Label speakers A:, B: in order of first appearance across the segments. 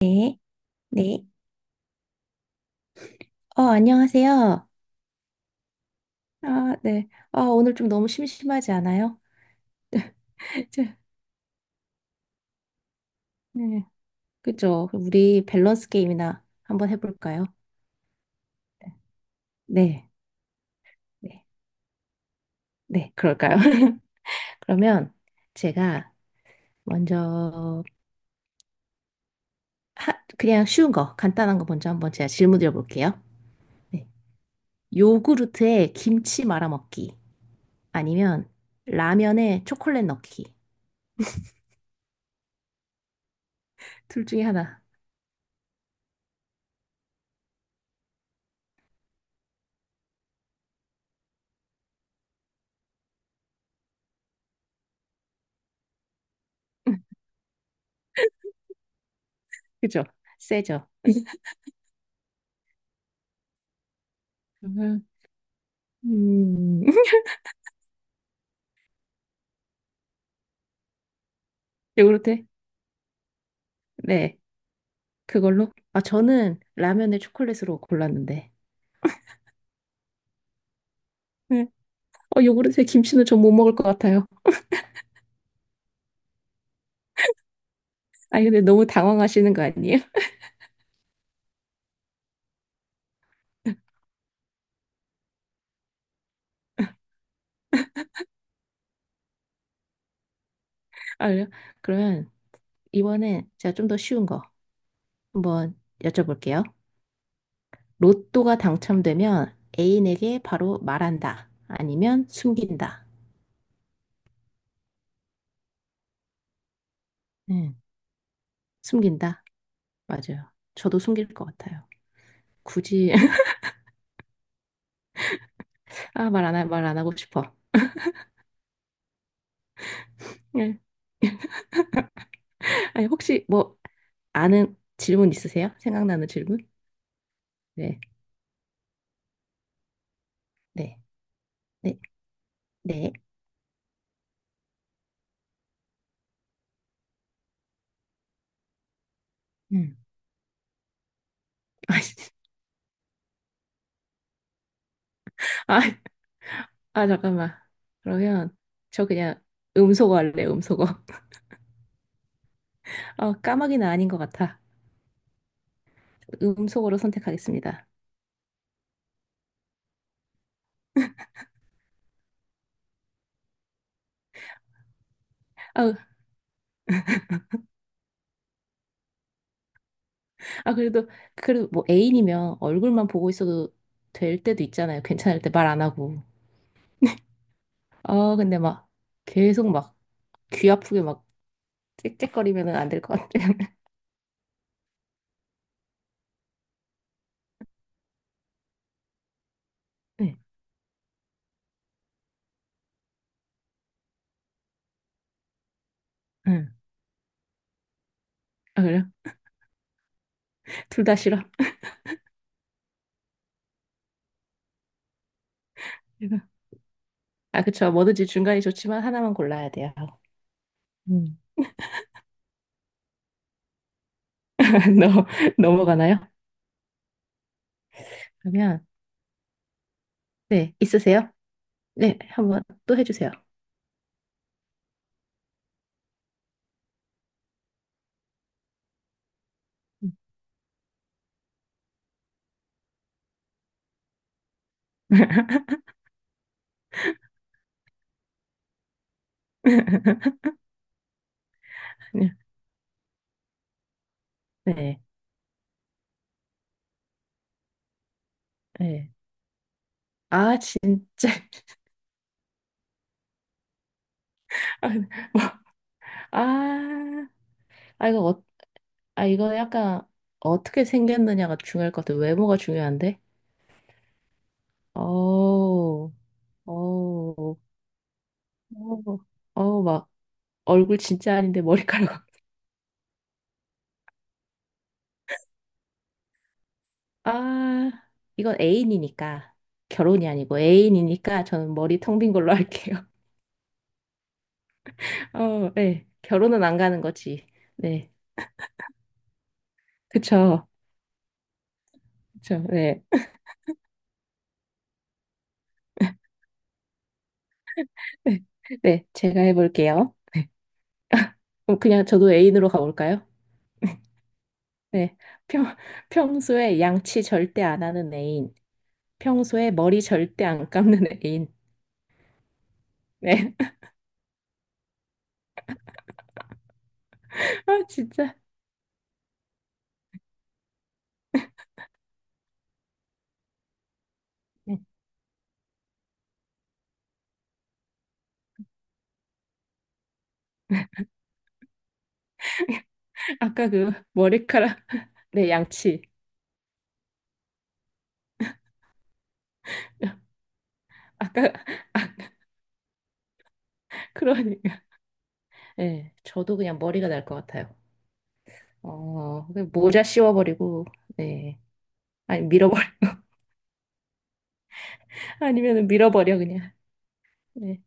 A: 네, 네. 안녕하세요. 아, 네. 아, 오늘 좀 너무 심심하지 않아요? 저- 네. 그죠? 그럼 우리 밸런스 게임이나 한번 해볼까요? 네, 네, 네, 그럴까요? 그러면 제가 먼저 하, 그냥 쉬운 거, 간단한 거 먼저 한번 제가 질문 드려볼게요. 네. 요구르트에 김치 말아 먹기 아니면 라면에 초콜릿 넣기 둘 중에 하나. 그죠? 세죠? 음, 음. 요구르트 네, 그걸로. 아, 저는 라면을 초콜릿으로 골랐는데. 네. 어, 요구르트에 김치는 전 못 먹을 것 같아요. 아, 근데 너무 당황하시는 거 아니에요? 아, 그래요? 그러면 이번엔 제가 좀 더 쉬운 거 한번 여쭤볼게요. 로또가 당첨되면 애인에게 바로 말한다. 아니면 숨긴다. 음. 숨긴다. 맞아요. 저도 숨길 것 같아요. 굳이, 아, 말 안, 하- 말안 하고 싶어. 네. 아니, 혹시 뭐 아는 질문 있으세요? 생각나는 질문? 네. 네, 네, 네. 음. 아, 아, 아, 잠깐만. 그러면 저 그냥 음소거 할래, 음소거. 아, 까마귀는 아닌 것 같아. 음소거로 선택하겠습니다. 아, 아 그래도 그래도 뭐 애인이면 얼굴만 보고 있어도 될 때도 있잖아요. 괜찮을 때 말 안 하고. 아, 근데 막 계속 막 귀 아프게 막 짹짹거리면은 안 될 것 같아요. 네. 응. 아, 그래요? 둘 다 싫어. 아, 그쵸. 뭐든지 중간이 좋지만 하나만 골라야 돼요. 음. 넘- 넘어가나요? 그러면, 네, 있으세요? 네, 한 번 또 해주세요. 네, 네. 네. 아, 진짜. 아, 아, 아, 아, 이거 약간 어떻게 생겼느냐가 중요할 것 같아요. 외모가 중요한데? 어우, 어우, 어우, 어우, 막 얼굴 진짜 아닌데 머리카락. 아, 이건 애인이니까. 결혼이 아니고 애인이니까 저는 머리 텅빈 걸로 할게요. 어, 네. 결혼은 안 가는 거지. 네. 그쵸. 그쵸. 네. 네. 네. 제가 해볼게요. 네. 그럼 그냥 저도 애인으로 가볼까요? 네. 평, 평소에 양치 절대 안 하는 애인. 평소에 머리 절대 안 감는 애인. 네. 아, 진짜. 네. 아까 그 머리카락. 네, 양치. 아까, 아, 그러니까. 네. 저도 그냥 머리가 날 것 같아요. 어, 그냥 모자 씌워버리고. 네. 아니, 밀어버려. 아니면 밀어버려, 그냥. 네.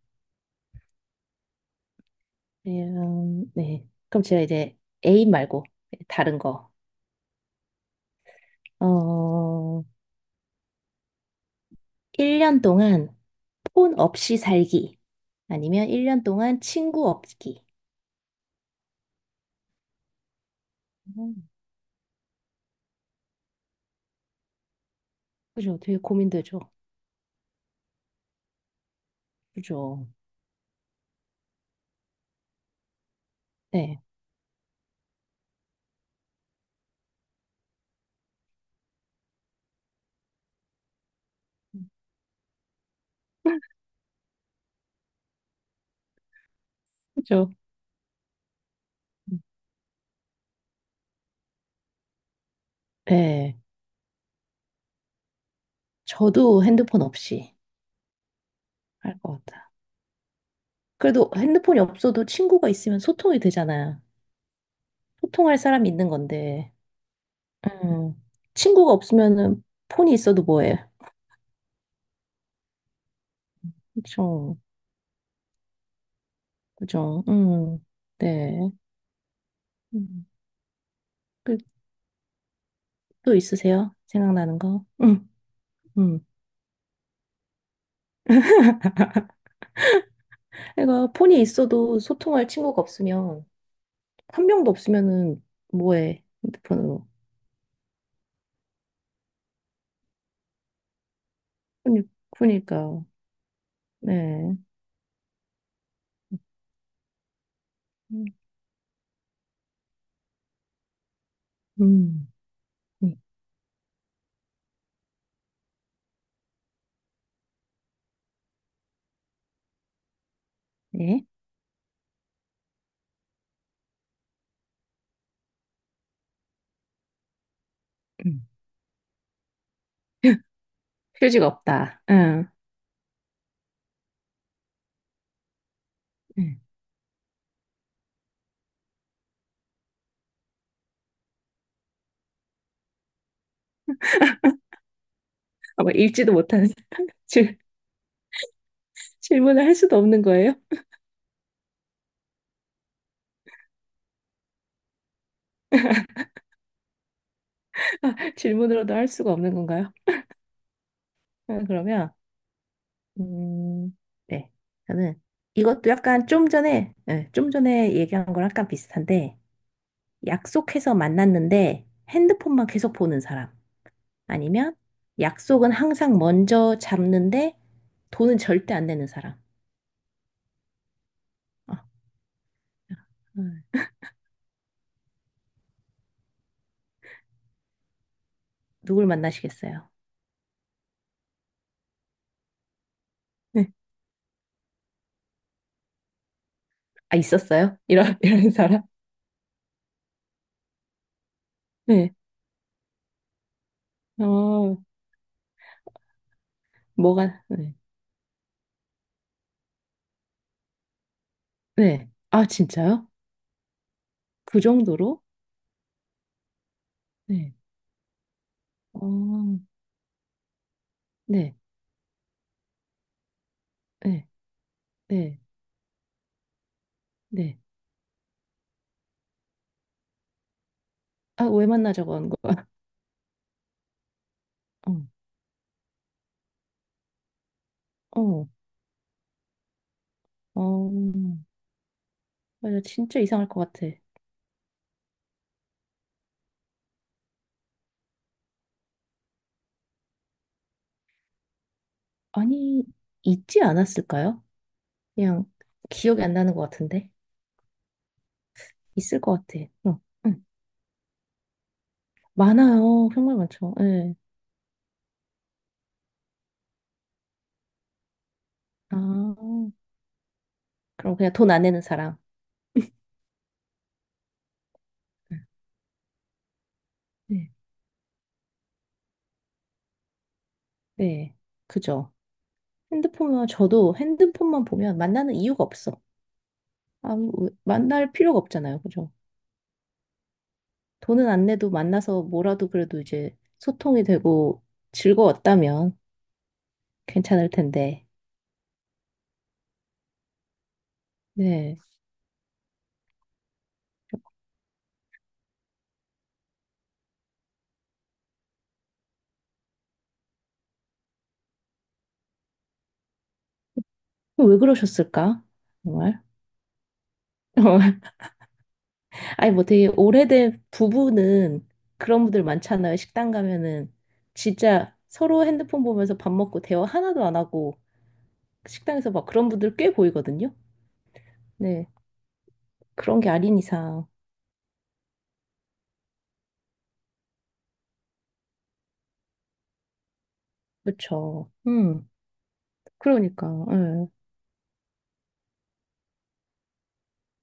A: 네, 네. 그럼 제가 이제 애인 말고 다른 거. 어, 1년 동안 폰 없이 살기. 아니면 1년 동안 친구 없기. 음, 그죠? 되게 고민되죠? 그죠? 네. 그죠? 네. 저도 핸드폰 없이 할 것 같아. 그래도 핸드폰이 없어도 친구가 있으면 소통이 되잖아요. 소통할 사람이 있는 건데. 음, 친구가 없으면은 폰이 있어도 뭐해? 그쵸? 그죠? 네. 음. 그, 또 있으세요? 생각나는 거? 음. 그러니까 폰이 있어도 소통할 친구가 없으면, 한 명도 없으면은 뭐해? 핸드폰으로. 그니- 그러니까, 네. 음, 음. 네. 음. 휴지가 없다. 응. 응. 아마 읽지도 못하는 질, 질문을 할 수도 없는 거예요? 질문으로도 할 수가 없는 건가요? 응, 그러면, 음, 네. 저는 이것도 약간 좀 전에, 예, 좀 전에 얘기한 거랑 약간 비슷한데, 약속해서 만났는데 핸드폰만 계속 보는 사람. 아니면 약속은 항상 먼저 잡는데 돈은 절대 안 내는 사람. 어, 음, 누굴 만나시겠어요? 네. 아, 있었어요? 이런, 이런 사람? 네. 어, 뭐가, 네. 네. 아, 진짜요? 그 정도로? 네. 어, 네. 네. 네. 네. 아, 왜 만나자고 한 거야? 어 어, 어, 맞아. 진짜 이상할 것 같아. 아니, 있지 않았을까요? 그냥 기억이 안 나는 것 같은데. 있을 것 같아. 어, 응. 많아요. 정말 많죠. 예. 아, 그럼 그냥 돈 안 내는 사람. 응. 네. 네. 그죠. 핸드폰만, 저도 핸드폰만 보면 만나는 이유가 없어. 아무, 만날 필요가 없잖아요. 그죠. 돈은 안 내도 만나서 뭐라도 그래도 이제 소통이 되고 즐거웠다면. 괜찮을 텐데. 네. 왜 그러셨을까? 정말? 어, 아니, 뭐 되게 오래된 부부는 그런 분들 많잖아요. 식당 가면은 진짜 서로 핸드폰 보면서 밥 먹고 대화 하나도 안 하고 식당에서 막 그런 분들 꽤 보이거든요. 네. 그런 게 아닌 이상. 그렇죠. 음. 그러니까. 예.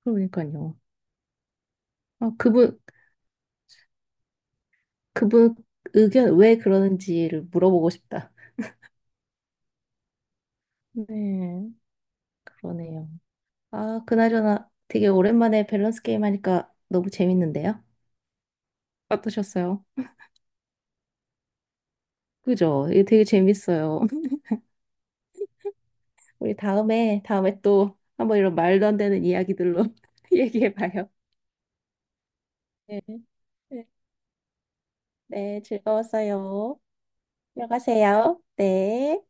A: 그러니까요. 아, 그분, 그분 의견 왜 그러는지를 물어보고 싶다. 네. 그러네요. 아, 그나저나 되게 오랜만에 밸런스 게임 하니까 너무 재밌는데요? 어떠셨어요? 그죠? 이게 되게 재밌어요. 우리 다음에 또 한번 이런 말도 안 되는 이야기들로 얘기해봐요. 네. 네, 네, 즐거웠어요. 들어가세요. 네.